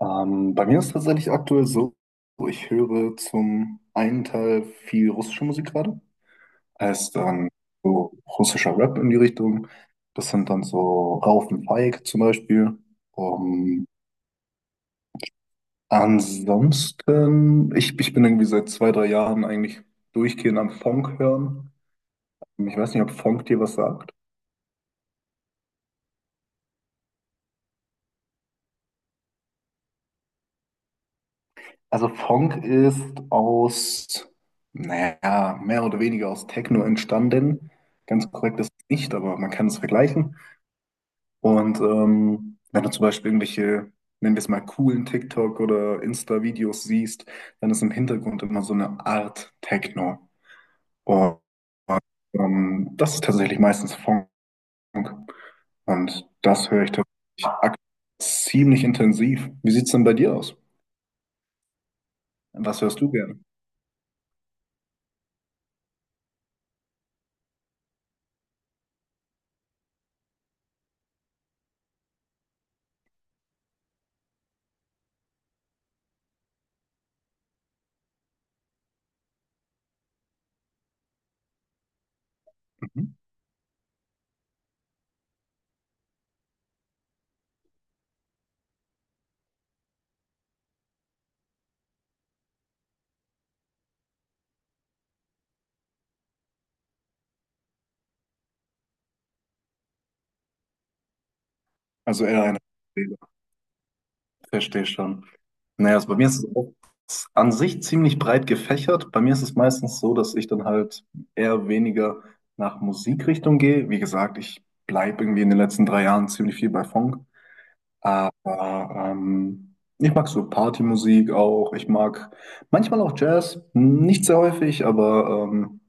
Bei mir ist es tatsächlich aktuell so, ich höre zum einen Teil viel russische Musik gerade. Heißt dann so russischer Rap in die Richtung. Das sind dann so Rauf und Feig zum Beispiel. Ähm, ansonsten, ich bin irgendwie seit 2, 3 Jahren eigentlich durchgehend am Funk hören. Ich weiß nicht, ob Funk dir was sagt. Also Funk ist aus, naja, mehr oder weniger aus Techno entstanden. Ganz korrekt ist es nicht, aber man kann es vergleichen. Und wenn du zum Beispiel irgendwelche, nennen wir es mal, coolen TikTok- oder Insta-Videos siehst, dann ist im Hintergrund immer so eine Art Techno. Und das ist tatsächlich meistens Funk. Und das höre ich tatsächlich ziemlich intensiv. Wie sieht es denn bei dir aus? Was hörst du gerne? Mhm. Also eher eine. Verstehe schon. Naja, also bei mir ist es auch an sich ziemlich breit gefächert. Bei mir ist es meistens so, dass ich dann halt eher weniger nach Musikrichtung gehe. Wie gesagt, ich bleibe irgendwie in den letzten 3 Jahren ziemlich viel bei Funk. Aber ich mag so Partymusik auch. Ich mag manchmal auch Jazz, nicht sehr häufig, aber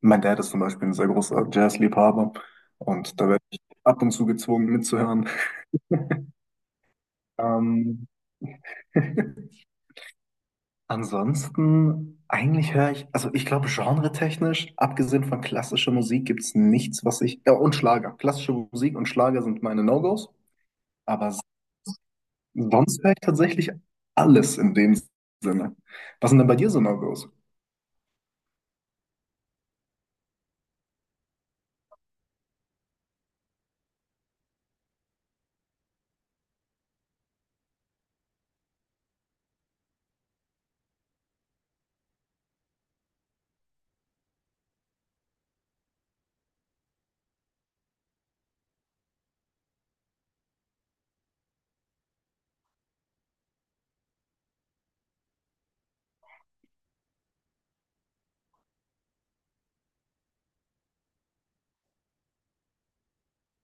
mein Dad ist zum Beispiel ein sehr großer Jazzliebhaber und da werde ich ab und zu gezwungen mitzuhören. Ähm, Ansonsten, eigentlich höre ich, also ich glaube, genretechnisch, abgesehen von klassischer Musik, gibt es nichts, was ich, ja, und Schlager. Klassische Musik und Schlager sind meine No-Gos, aber sonst höre ich tatsächlich alles in dem Sinne. Was sind denn bei dir so No-Gos?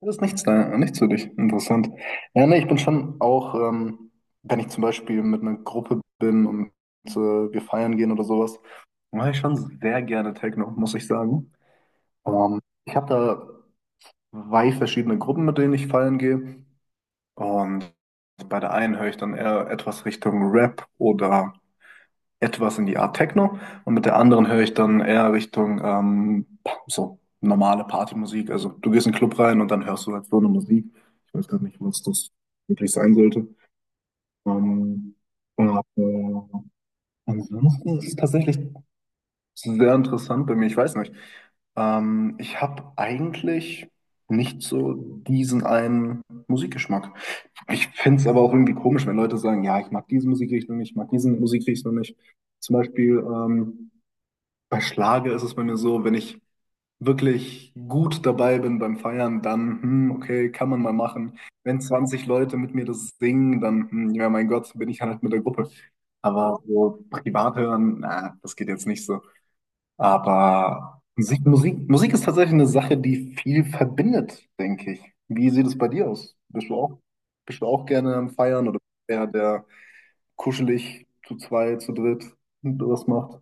Das ist nichts da, nichts für dich. Interessant. Ja, ne, ich bin schon auch, wenn ich zum Beispiel mit einer Gruppe bin und äh, wir feiern gehen oder sowas, mache ich schon sehr gerne Techno, muss ich sagen. Ähm, ich habe da zwei verschiedene Gruppen, mit denen ich feiern gehe. Und bei der einen höre ich dann eher etwas Richtung Rap oder etwas in die Art Techno. Und mit der anderen höre ich dann eher Richtung so normale Partymusik. Also du gehst in den Club rein und dann hörst du halt so eine Musik. Ich weiß gar nicht, was das wirklich sein sollte. Ähm, aber ansonsten ist es tatsächlich, das ist sehr interessant bei mir, ich weiß nicht. Ich habe eigentlich nicht so diesen einen Musikgeschmack. Ich finde es aber auch irgendwie komisch, wenn Leute sagen, ja, ich mag diese Musikrichtung nicht, ich mag diese Musikrichtung nicht. Zum Beispiel bei Schlager ist es bei mir so, wenn ich wirklich gut dabei bin beim Feiern, dann, okay, kann man mal machen. Wenn 20 Leute mit mir das singen, dann, ja, mein Gott, bin ich halt mit der Gruppe. Aber so privat hören, na, das geht jetzt nicht so. Aber Musik, Musik, Musik ist tatsächlich eine Sache, die viel verbindet, denke ich. Wie sieht es bei dir aus? Bist du auch gerne am Feiern oder eher der kuschelig zu zweit, zu dritt was macht?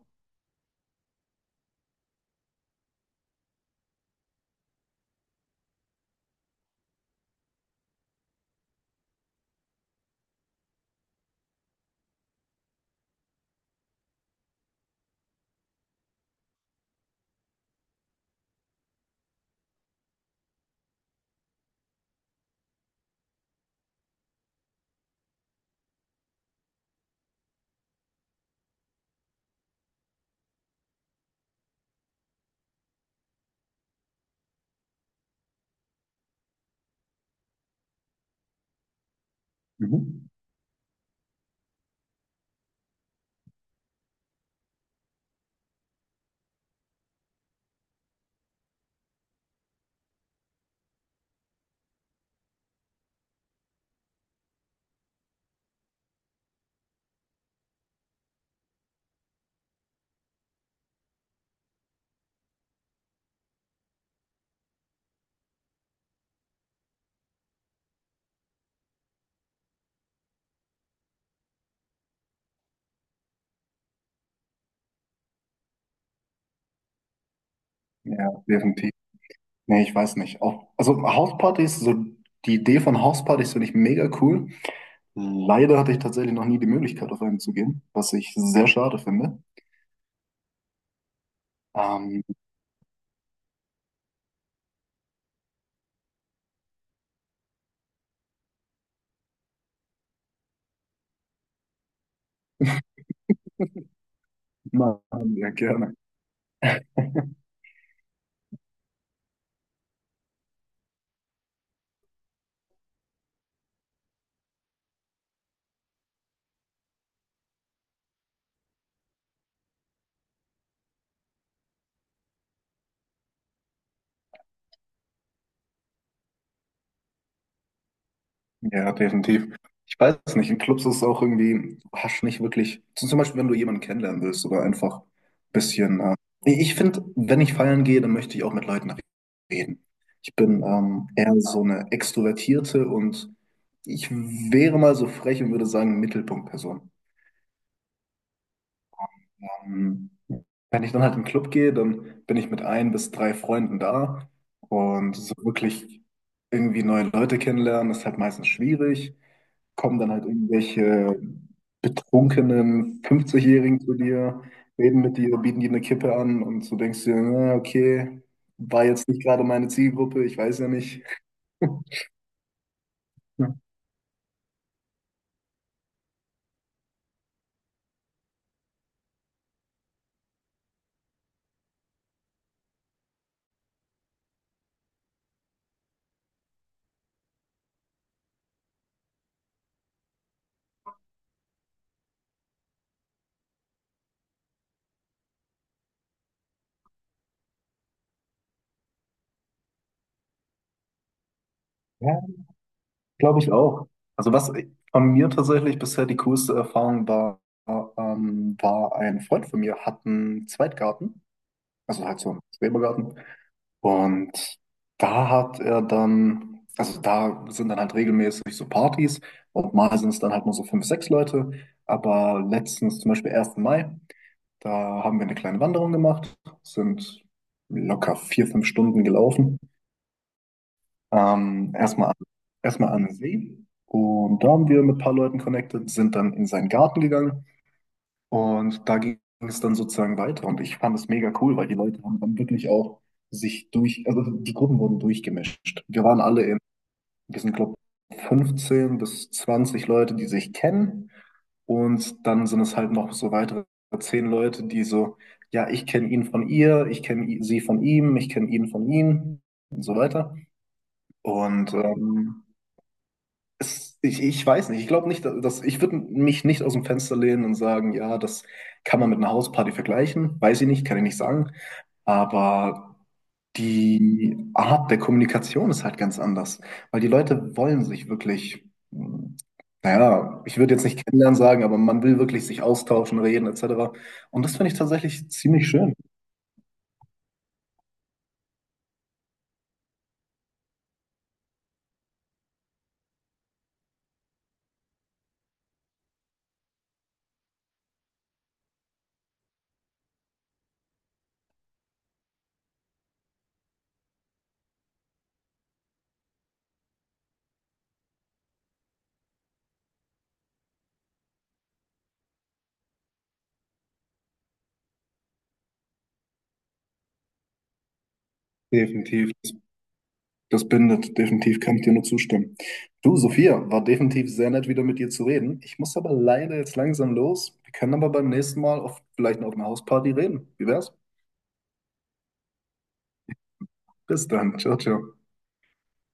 Mhm. Ja, definitiv. Nee, ich weiß nicht. Auch, also Hauspartys, so die Idee von Hauspartys finde ich mega cool. Leider hatte ich tatsächlich noch nie die Möglichkeit, auf einen zu gehen, was ich sehr schade finde. Ähm, Mann, ja, gerne. Ja, definitiv. Ich weiß es nicht. In Clubs ist es auch irgendwie, du hast nicht wirklich. So zum Beispiel, wenn du jemanden kennenlernen willst oder einfach ein bisschen. Nee, ich finde, wenn ich feiern gehe, dann möchte ich auch mit Leuten reden. Ich bin eher so eine Extrovertierte und ich wäre mal so frech und würde sagen, Mittelpunktperson. Ähm, wenn ich dann halt in den Club gehe, dann bin ich mit ein bis drei Freunden da und so wirklich irgendwie neue Leute kennenlernen, ist halt meistens schwierig. Kommen dann halt irgendwelche betrunkenen 50-Jährigen zu dir, reden mit dir, bieten dir eine Kippe an und du denkst dir, na, okay, war jetzt nicht gerade meine Zielgruppe, ich weiß ja nicht. Ja, glaube ich auch. Also was von mir tatsächlich bisher die coolste Erfahrung war, war ein Freund von mir, hat einen Zweitgarten, also halt so einen Schrebergarten. Und da hat er dann, also da sind dann halt regelmäßig so Partys und mal sind es dann halt nur so fünf, sechs Leute. Aber letztens zum Beispiel ersten Mai, da haben wir eine kleine Wanderung gemacht, sind locker 4, 5 Stunden gelaufen. Ähm, erstmal, an- erstmal an den See und da haben wir mit ein paar Leuten connected, sind dann in seinen Garten gegangen und da ging es dann sozusagen weiter und ich fand es mega cool, weil die Leute haben dann wirklich auch sich durch, also die Gruppen wurden durchgemischt. Wir waren alle in diesem Club 15 bis 20 Leute, die sich kennen und dann sind es halt noch so weitere 10 Leute, die so, ja, ich kenne ihn von ihr, ich kenne sie von ihm, ich kenne ihn von ihm und so weiter. Und ich weiß nicht. Ich glaube nicht, dass ich würde mich nicht aus dem Fenster lehnen und sagen, ja, das kann man mit einer Hausparty vergleichen. Weiß ich nicht, kann ich nicht sagen. Aber die Art der Kommunikation ist halt ganz anders, weil die Leute wollen sich wirklich, mh, naja, ich würde jetzt nicht kennenlernen sagen, aber man will wirklich sich austauschen, reden etc. Und das finde ich tatsächlich ziemlich schön. Definitiv. Das bindet, definitiv kann ich dir nur zustimmen. Du, Sophia, war definitiv sehr nett, wieder mit dir zu reden. Ich muss aber leider jetzt langsam los. Wir können aber beim nächsten Mal auf, vielleicht noch auf einer Hausparty reden. Wie wär's? Bis dann. Ciao, ciao.